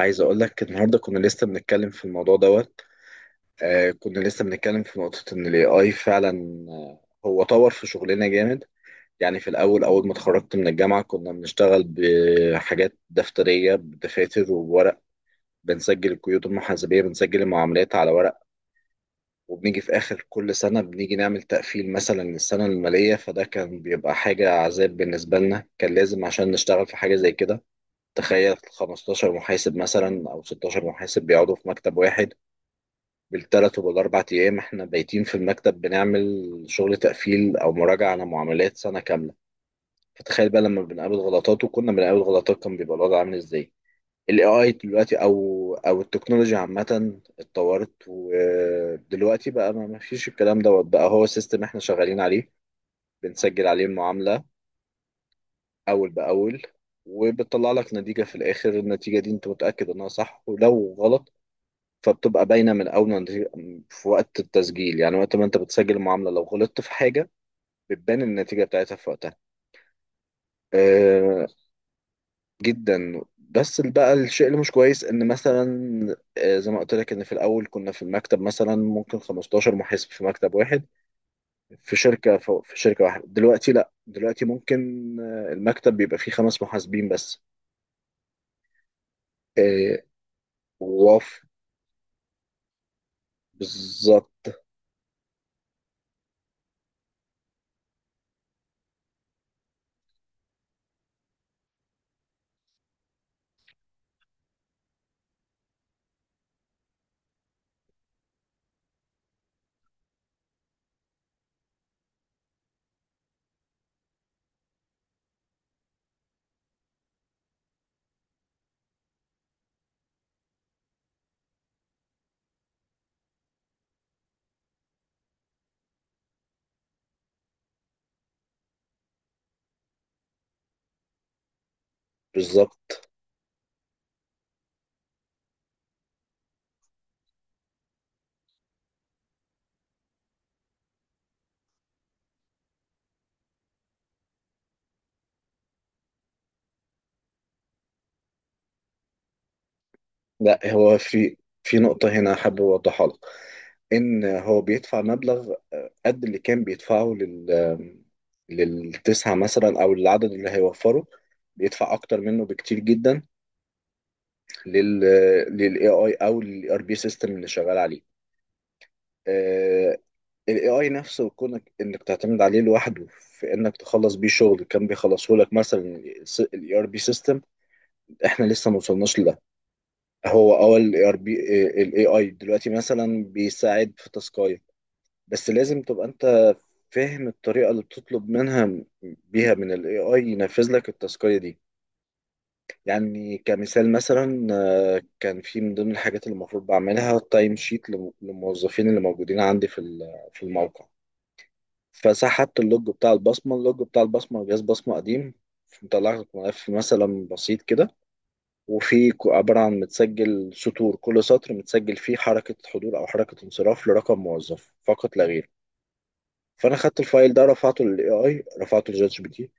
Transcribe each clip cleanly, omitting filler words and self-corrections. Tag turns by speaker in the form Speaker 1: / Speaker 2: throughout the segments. Speaker 1: عايز اقول لك النهارده كنا لسه بنتكلم في الموضوع دوت. كنا لسه بنتكلم في نقطة ان الاي اي فعلا. آه، هو طور في شغلنا جامد. يعني في الاول اول ما اتخرجت من الجامعة كنا بنشتغل بحاجات دفترية بدفاتر وورق. بنسجل القيود المحاسبية، بنسجل المعاملات على ورق. وبنيجي في اخر كل سنة بنيجي نعمل تقفيل مثلا للسنة المالية، فده كان بيبقى حاجة عذاب بالنسبة لنا، كان لازم عشان نشتغل في حاجة زي كده. تخيل 15 محاسب مثلا او 16 محاسب بيقعدوا في مكتب واحد. بالثلاث وبالاربع ايام احنا بايتين في المكتب بنعمل شغل تقفيل او مراجعه على معاملات سنه كامله. فتخيل بقى لما بنقابل غلطات، وكنا بنقابل غلطات، كان بيبقى الوضع عامل ازاي. الاي اي دلوقتي او التكنولوجيا عامه اتطورت، ودلوقتي بقى ما فيش الكلام دوت، بقى هو سيستم احنا شغالين عليه. بنسجل عليه المعامله اول باول. وبتطلع لك نتيجه في الاخر، النتيجه دي انت متاكد انها صح ولو غلط. فبتبقى باينه من اول ما في وقت التسجيل، يعني وقت ما انت بتسجل المعامله لو غلطت في حاجه بتبان النتيجه بتاعتها في وقتها. آه جدا، بس بقى الشيء اللي مش كويس ان مثلا، زي ما قلت لك ان في الاول كنا في المكتب مثلا ممكن 15 محاسب في مكتب واحد في شركه، في شركه واحده دلوقتي. لا، دلوقتي ممكن المكتب بيبقى فيه خمس محاسبين بس. آه، واف، بالظبط. بالظبط، لا، هو في نقطة هنا حابب أوضحها لك. ان هو بيدفع مبلغ قد اللي كان بيدفعه للتسعة مثلا او العدد اللي هيوفره. بيدفع اكتر منه بكتير جدا لل للاي اي او للاي ار بي سيستم اللي شغال عليه. الاي اي نفسه، كونك انك تعتمد عليه لوحده في انك تخلص بيه شغل كان بيخلصه لك مثلا الاي ار بي سيستم، احنا لسه ما وصلناش لده. هو اول الاي ار بي، الاي اي دلوقتي مثلا بيساعد في تاسكايه، بس لازم تبقى انت فاهم الطريقة اللي بتطلب بيها من ال AI ينفذ لك التاسكية دي. يعني كمثال مثلا، كان في من ضمن الحاجات اللي المفروض بعملها تايم شيت للموظفين اللي موجودين عندي في في الموقع. فسحبت اللوج بتاع البصمة، اللوج بتاع البصمة جهاز بصمة قديم، مطلع لك ملف مثلا بسيط كده. عبارة عن متسجل سطور، كل سطر متسجل فيه حركة حضور أو حركة انصراف لرقم موظف فقط لا غير. فانا خدت الفايل ده رفعته للاي اي، رفعته لجات جي بي تي.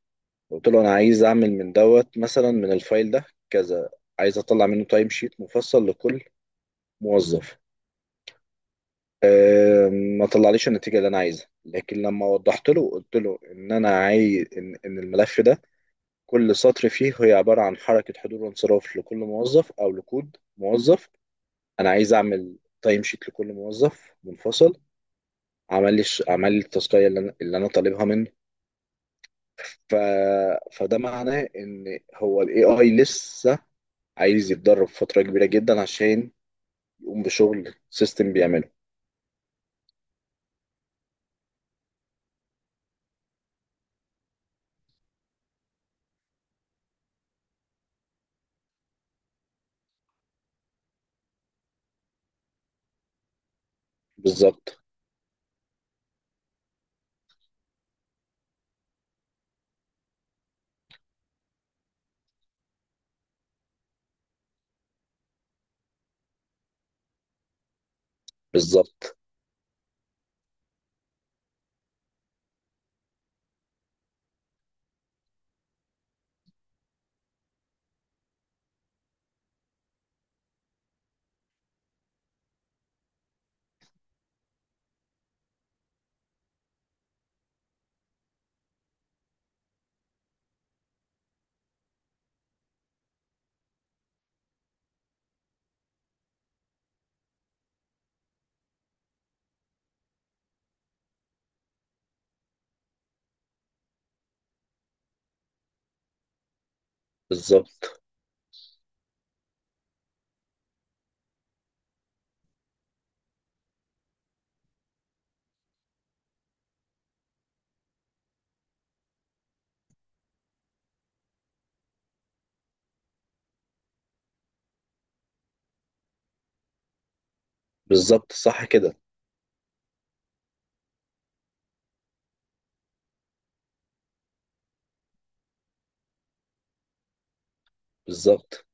Speaker 1: قلت له انا عايز اعمل من دوت مثلا من الفايل ده كذا، عايز اطلع منه تايم شيت مفصل لكل موظف. أه، ما طلعليش النتيجه اللي انا عايزها، لكن لما وضحت له، قلت له انا عايز إن الملف ده كل سطر فيه هي عباره عن حركه حضور وانصراف لكل موظف او لكود موظف. انا عايز اعمل تايم شيت لكل موظف منفصل. عمل لي التاسكيه اللي انا طالبها منه. ف... فده معناه ان هو الاي اي لسه عايز يتدرب فترة كبيرة جدا عشان يقوم بشغل سيستم بيعمله. بالظبط، بالظبط، بالظبط، بالظبط، صح كده، بالظبط.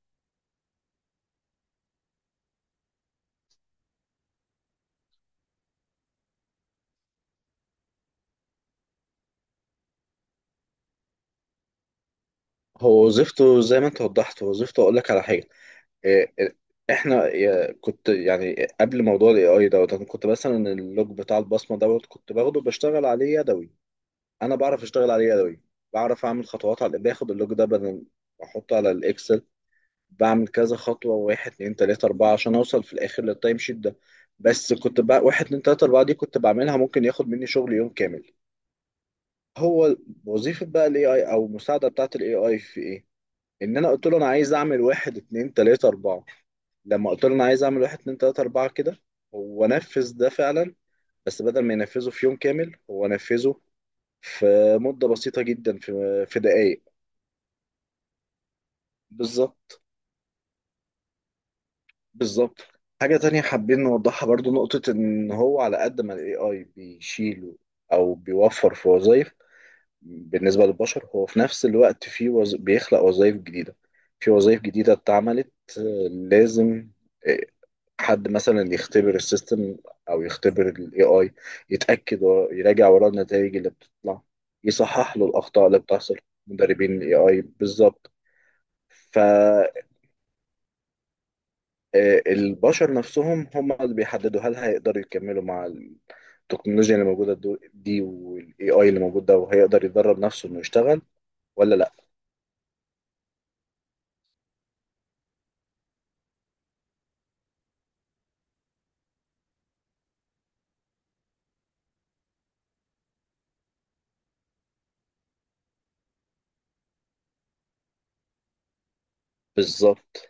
Speaker 1: هو وظيفته زي ما انت وضحت، هو وظيفته اقول لك على حاجة. إيه، إيه، احنا كنت يعني قبل موضوع الاي اي دوت، انا كنت مثلا اللوج بتاع البصمة دوت كنت باخده بشتغل عليه يدوي. انا بعرف اشتغل عليه يدوي، بعرف اعمل خطوات على باخد اللوج ده بدل، احطه على الاكسل. بعمل كذا خطوة واحد اتنين تلاتة أربعة عشان أوصل في الآخر للتايم شيت ده. بس كنت بقى واحد اتنين تلاتة أربعة دي كنت بعملها ممكن ياخد مني شغل يوم كامل. هو وظيفة بقى ال AI أو المساعدة بتاعة ال AI في إيه؟ إن أنا قلت له أنا عايز أعمل واحد اتنين تلاتة أربعة. لما قلت له أنا عايز أعمل واحد اتنين تلاتة أربعة كده، هو نفذ ده فعلا. بس بدل ما ينفذه في يوم كامل، هو نفذه في مدة بسيطة جدا، في دقايق. بالظبط، بالظبط. حاجة تانية حابين نوضحها برضو، نقطة إن هو على قد ما ال AI بيشيل أو بيوفر في وظائف بالنسبة للبشر، هو في نفس الوقت بيخلق وظائف جديدة. في وظائف جديدة اتعملت. آه، لازم آه، حد مثلا يختبر السيستم، أو يختبر ال AI، يتأكد ويراجع وراه النتائج اللي بتطلع، يصحح له الأخطاء اللي بتحصل. مدربين ال AI، بالظبط. ف البشر نفسهم هم اللي بيحددوا هل هيقدروا يكملوا مع التكنولوجيا اللي موجودة دي، والاي اي اللي موجود ده، وهيقدر يدرب نفسه انه يشتغل ولا لا. بالظبط،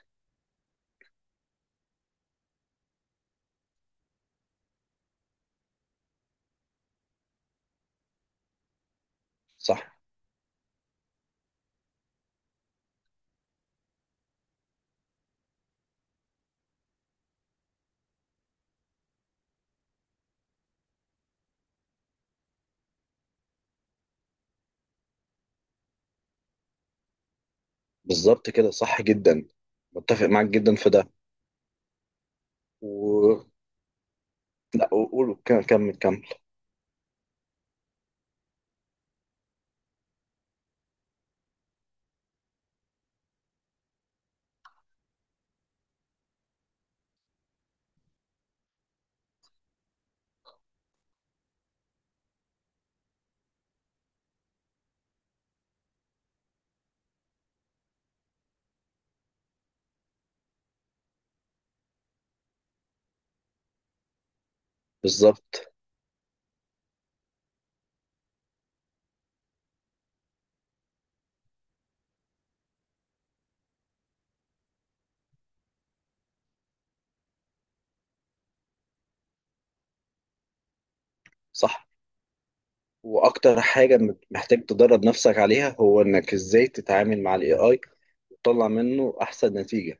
Speaker 1: صح، بالظبط كده، صح جدا، متفق معاك جدا في ده. و... لا، قول كمل كمل. بالظبط، صح. واكتر حاجة محتاج تدرب نفسك عليها هو انك ازاي تتعامل مع الاي اي، وتطلع منه احسن نتيجة.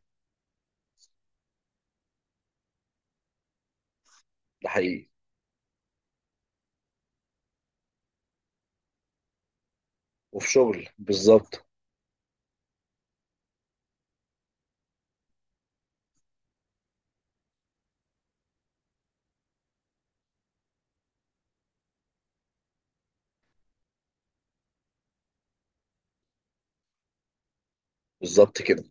Speaker 1: ده حقيقي. وفي شغل بالظبط. بالظبط كده.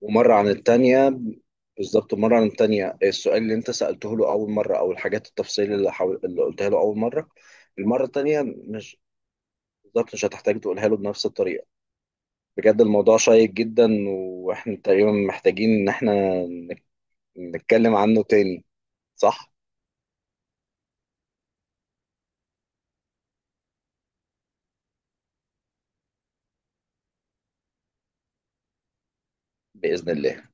Speaker 1: ومرة عن التانية، بالظبط، مرة عن التانية السؤال اللي انت سألته له أول مرة أو الحاجات التفصيل اللي قلتها له أول مرة. المرة التانية مش، بالظبط مش هتحتاج تقولها له بنفس الطريقة. بجد الموضوع شيق جدا، وإحنا تقريبا محتاجين إن إحنا نك- نتكلم عنه تاني. صح؟ بإذن الله.